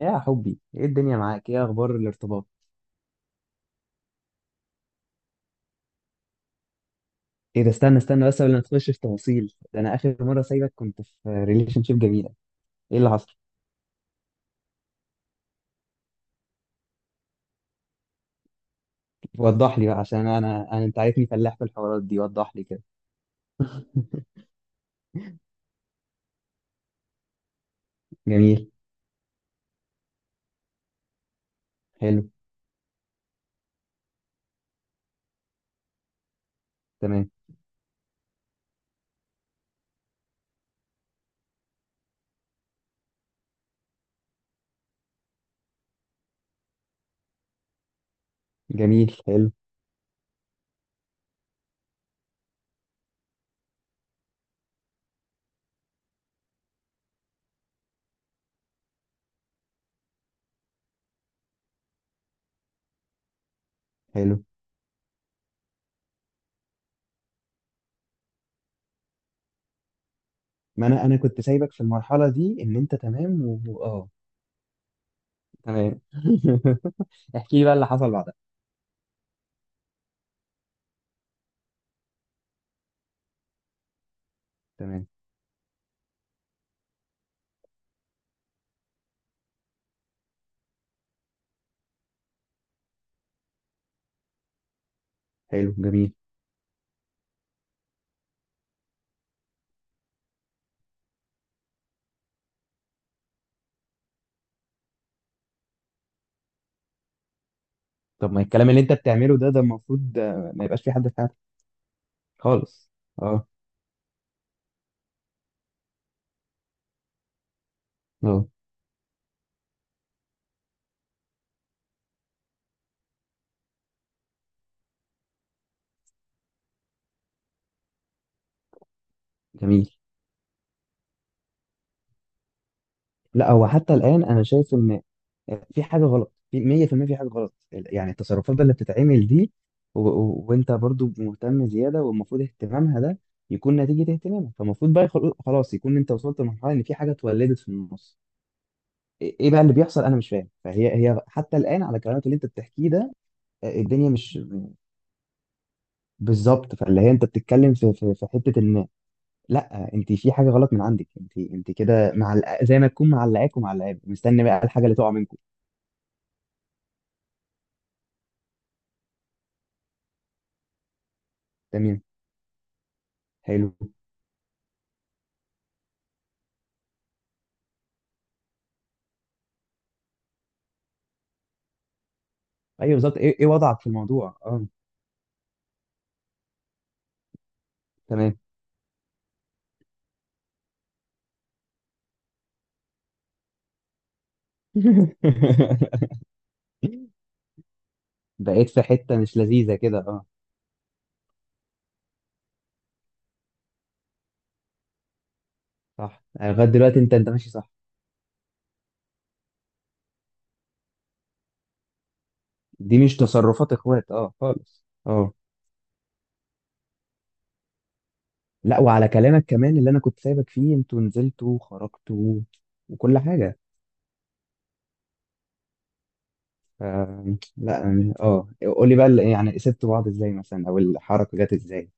يا حبي ايه الدنيا معاك؟ ايه اخبار الارتباط؟ ايه ده، استنى بس قبل ما تخش في تفاصيل ده، انا اخر مره سايبك كنت في ريليشن شيب جميله. ايه اللي حصل؟ وضح لي بقى عشان انا انت عارفني فلاح في الحوارات دي، وضح لي كده. جميل. حلو. تمام. جميل. حلو. حلو. ما انا كنت سايبك في المرحله دي ان انت تمام واه. تمام. احكي لي بقى اللي حصل بعدها. تمام. حلو. جميل. طب ما الكلام اللي انت بتعمله ده، ده المفروض ما يبقاش في حد في حياتك. خالص. اه. اه. جميل. لا، هو حتى الآن أنا شايف إن في حاجة غلط في 100% في المية، في حاجة غلط يعني. التصرفات بقى اللي بتتعمل دي، وأنت برضو مهتم زيادة، والمفروض اهتمامها ده يكون نتيجة اهتمامك. فالمفروض بقى خلاص يكون أنت وصلت لمرحلة إن في حاجة اتولدت في النص. إيه إيه بقى اللي بيحصل؟ أنا مش فاهم. فهي هي حتى الآن على كلامك اللي أنت بتحكيه ده، الدنيا مش بالظبط. فاللي هي أنت بتتكلم في حتة إن لا، أنت في حاجة غلط من عندك. أنت أنت كده مع زي ما تكون معلقاك ومعلقاك، مستني بقى الحاجة اللي تقع منكم. ده حلو. ايوه بالظبط. ايه إيه وضعك في الموضوع؟ اه. تمام. بقيت في حته مش لذيذه كده، اه. صح. يعني لغايه دلوقتي انت انت ماشي صح. دي مش تصرفات اخوات، اه خالص، اه. لا، وعلى كلامك كمان اللي انا كنت سايبك فيه، انتوا نزلتوا وخرجتوا وكل حاجه. ف... لا أنا- اه، قول لي بقى يعني سبتوا بعض ازاي مثلا، او الحركه جت ازاي.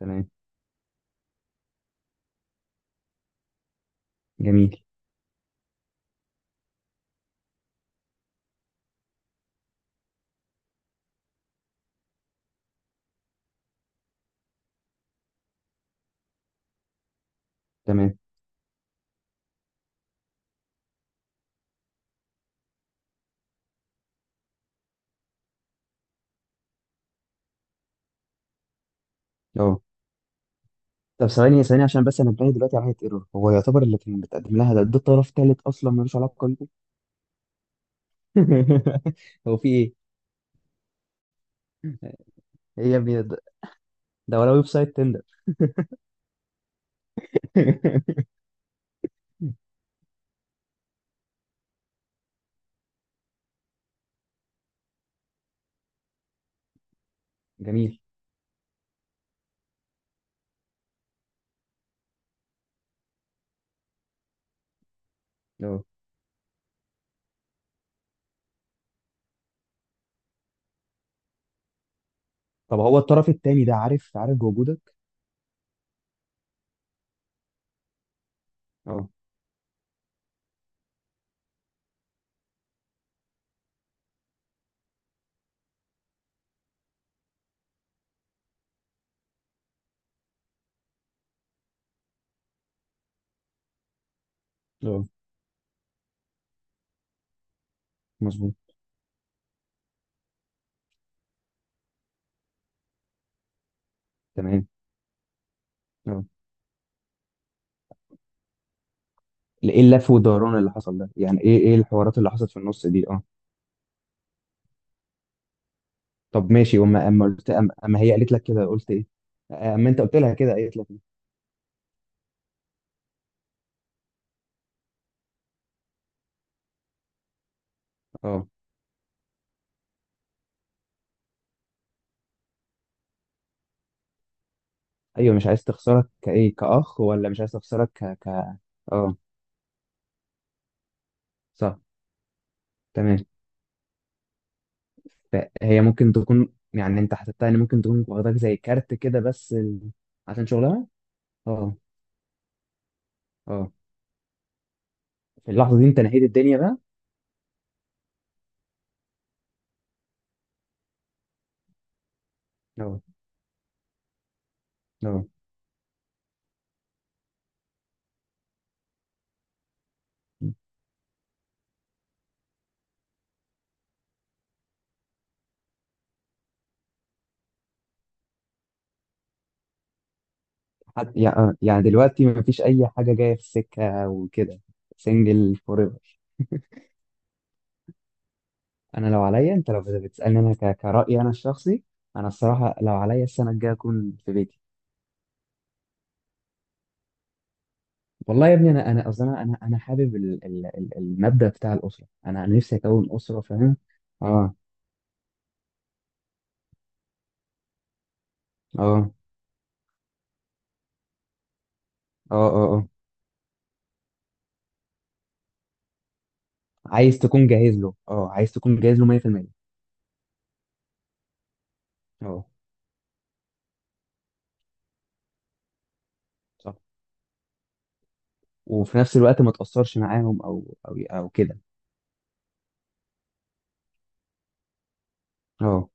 تمام. جميل. تمام. اه. طب ثواني ثواني عشان بس انا انتبه دلوقتي على حته ايرور. هو يعتبر اللي كان بتقدم لها ده، ده طرف ثالث اصلا ملوش علاقه بيكم. هو في ايه؟ ايه يا ابني ده؟ ده ولا ويب سايت تندر؟ جميل. اه. طب هو الطرف التاني ده عارف، عارف بوجودك؟ اه. اه. مظبوط. تمام. اه. ايه اللف والدوران اللي حصل ده؟ يعني ايه ايه الحوارات اللي حصلت في النص دي؟ اه. طب ماشي. وما اما قلت، اما أما هي قالت لك كده قلت ايه؟ اما انت قلت لها كده قالت لك ايه؟ ايوه، مش عايز تخسرك كايه كاخ، ولا مش عايز تخسرك ك ك. اه. صح. تمام. فهي ممكن تكون يعني، انت حسبتها ان ممكن تكون واخداك زي كارت كده بس ال... عشان شغلها. اه. اه. في اللحظه دي انت نهيت الدنيا بقى. اه. اه. حد... يع- يعني دلوقتي مفيش اي حاجه جايه في السكه وكده. سنجل فور ايفر. انا لو عليا، انت لو بتسالني، انا ك... كرايي انا الشخصي، انا الصراحه لو عليا، السنه الجايه اكون في بيتي. والله يا ابني، انا اصلا انا أنا حابب المبدأ بتاع الاسره. أنا نفسي اكون اسره، فاهم. اه. اه. اه. اه. اه. عايز تكون جاهز له، اه عايز تكون جاهز له 100%. اه. صح. وفي نفس الوقت ما تاثرش معاهم او كده. اه.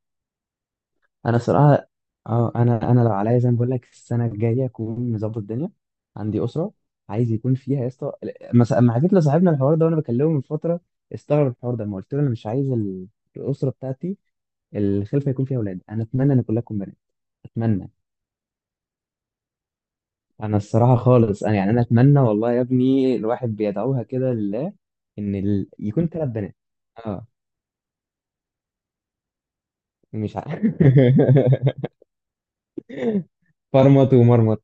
انا صراحه. اه. انا لو عليا، زي ما بقول لك، السنه الجايه اكون مظبط الدنيا. عندي اسره عايز يكون فيها، يا اسطى. مس- لما حكيت لصاحبنا الحوار ده وانا بكلمه من فتره، استغرب الحوار ده. ما قلت له انا مش عايز الاسره بتاعتي، الخلفه يكون فيها اولاد. انا اتمنى ان كلها تكون بنات. اتمنى. انا الصراحه خالص، انا يعني انا اتمنى، والله يا ابني، الواحد بيدعوها كده لله، ان ال... يكون ثلاث بنات. اه. مش عارف. فرمط ومرمط.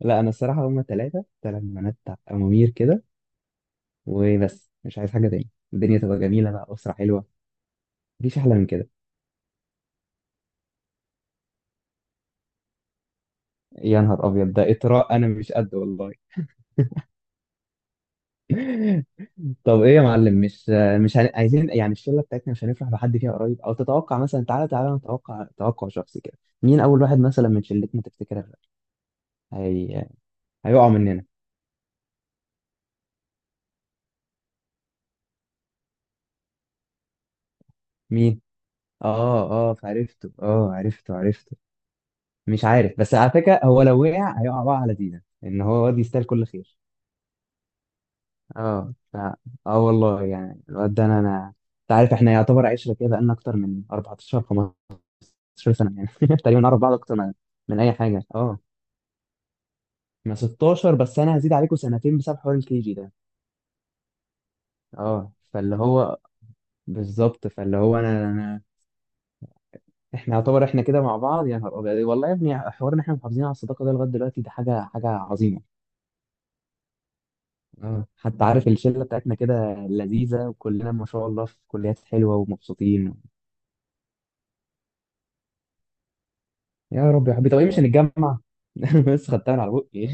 لا انا الصراحه هما ثلاثه، ثلاث بنات، امامير كده. وبس، مش عايز حاجه تاني. الدنيا تبقى جميله بقى، اسره حلوه، مفيش احلى من كده. يا نهار ابيض، ده اطراء، انا مش قد والله. طب ايه يا معلم؟ مش عايزين يعني الشله بتاعتنا مش هنفرح بحد فيها قريب، او تتوقع مثلا؟ تعالى نتوقع، توقع شخصي كده، مين اول واحد مثلا من شلتنا تفتكر هي... هيقع مننا؟ مين؟ اه اه فعرفته، اه عرفته عرفته. مش عارف بس، على فكره، هو لو وقع هيقع بقى على دينا، ان هو واد يستاهل كل خير. اه. ف... اه والله يعني الواد ده، انا انا، انت عارف احنا يعتبر عشره كده، بقالنا اكتر من 14 15 سنه يعني. تقريبا نعرف بعض اكتر من من اي حاجه. اه. احنا 16، بس انا هزيد عليكم سنتين بسبب حوار الكي جي ده. اه. فاللي هو، بالظبط فاللي هو أنا احنا يعتبر احنا كده مع بعض. يا نهار ابيض والله يا ابني، حوار ان احنا محافظين على الصداقه ده لغايه دلوقتي، ده حاجه عظيمه. اه. حتى عارف الشله بتاعتنا كده لذيذه، وكلنا ما شاء الله في كليات حلوه ومبسوطين. يا رب يا حبيبي. طب ايه، مش هنتجمع؟ بس خدتها من على بقي.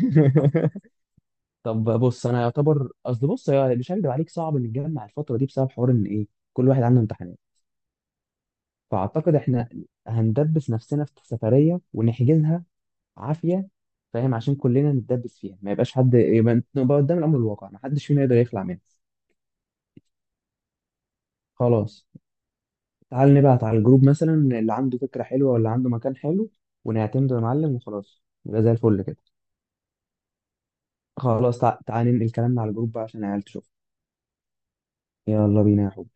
طب بص، انا يعتبر قصدي، بص يا- مش هكدب عليك، صعب نتجمع الفتره دي بسبب حوار ان ايه، كل واحد عنده امتحانات. فاعتقد احنا هندبس نفسنا في سفريه ونحجزها عافيه، فاهم؟ عشان كلنا نتدبس فيها، ما يبقاش حد، يبقى نبقى قدام الامر الواقع، ما حدش فينا يقدر يخلع منها. خلاص. تعال نبعت على الجروب مثلا اللي عنده فكره حلوه ولا عنده مكان حلو، ونعتمده يا معلم، وخلاص يبقى زي الفل كده. خلاص. تعال ننقل كلامنا على الجروب بقى عشان العيال تشوف. يلا بينا يا حب.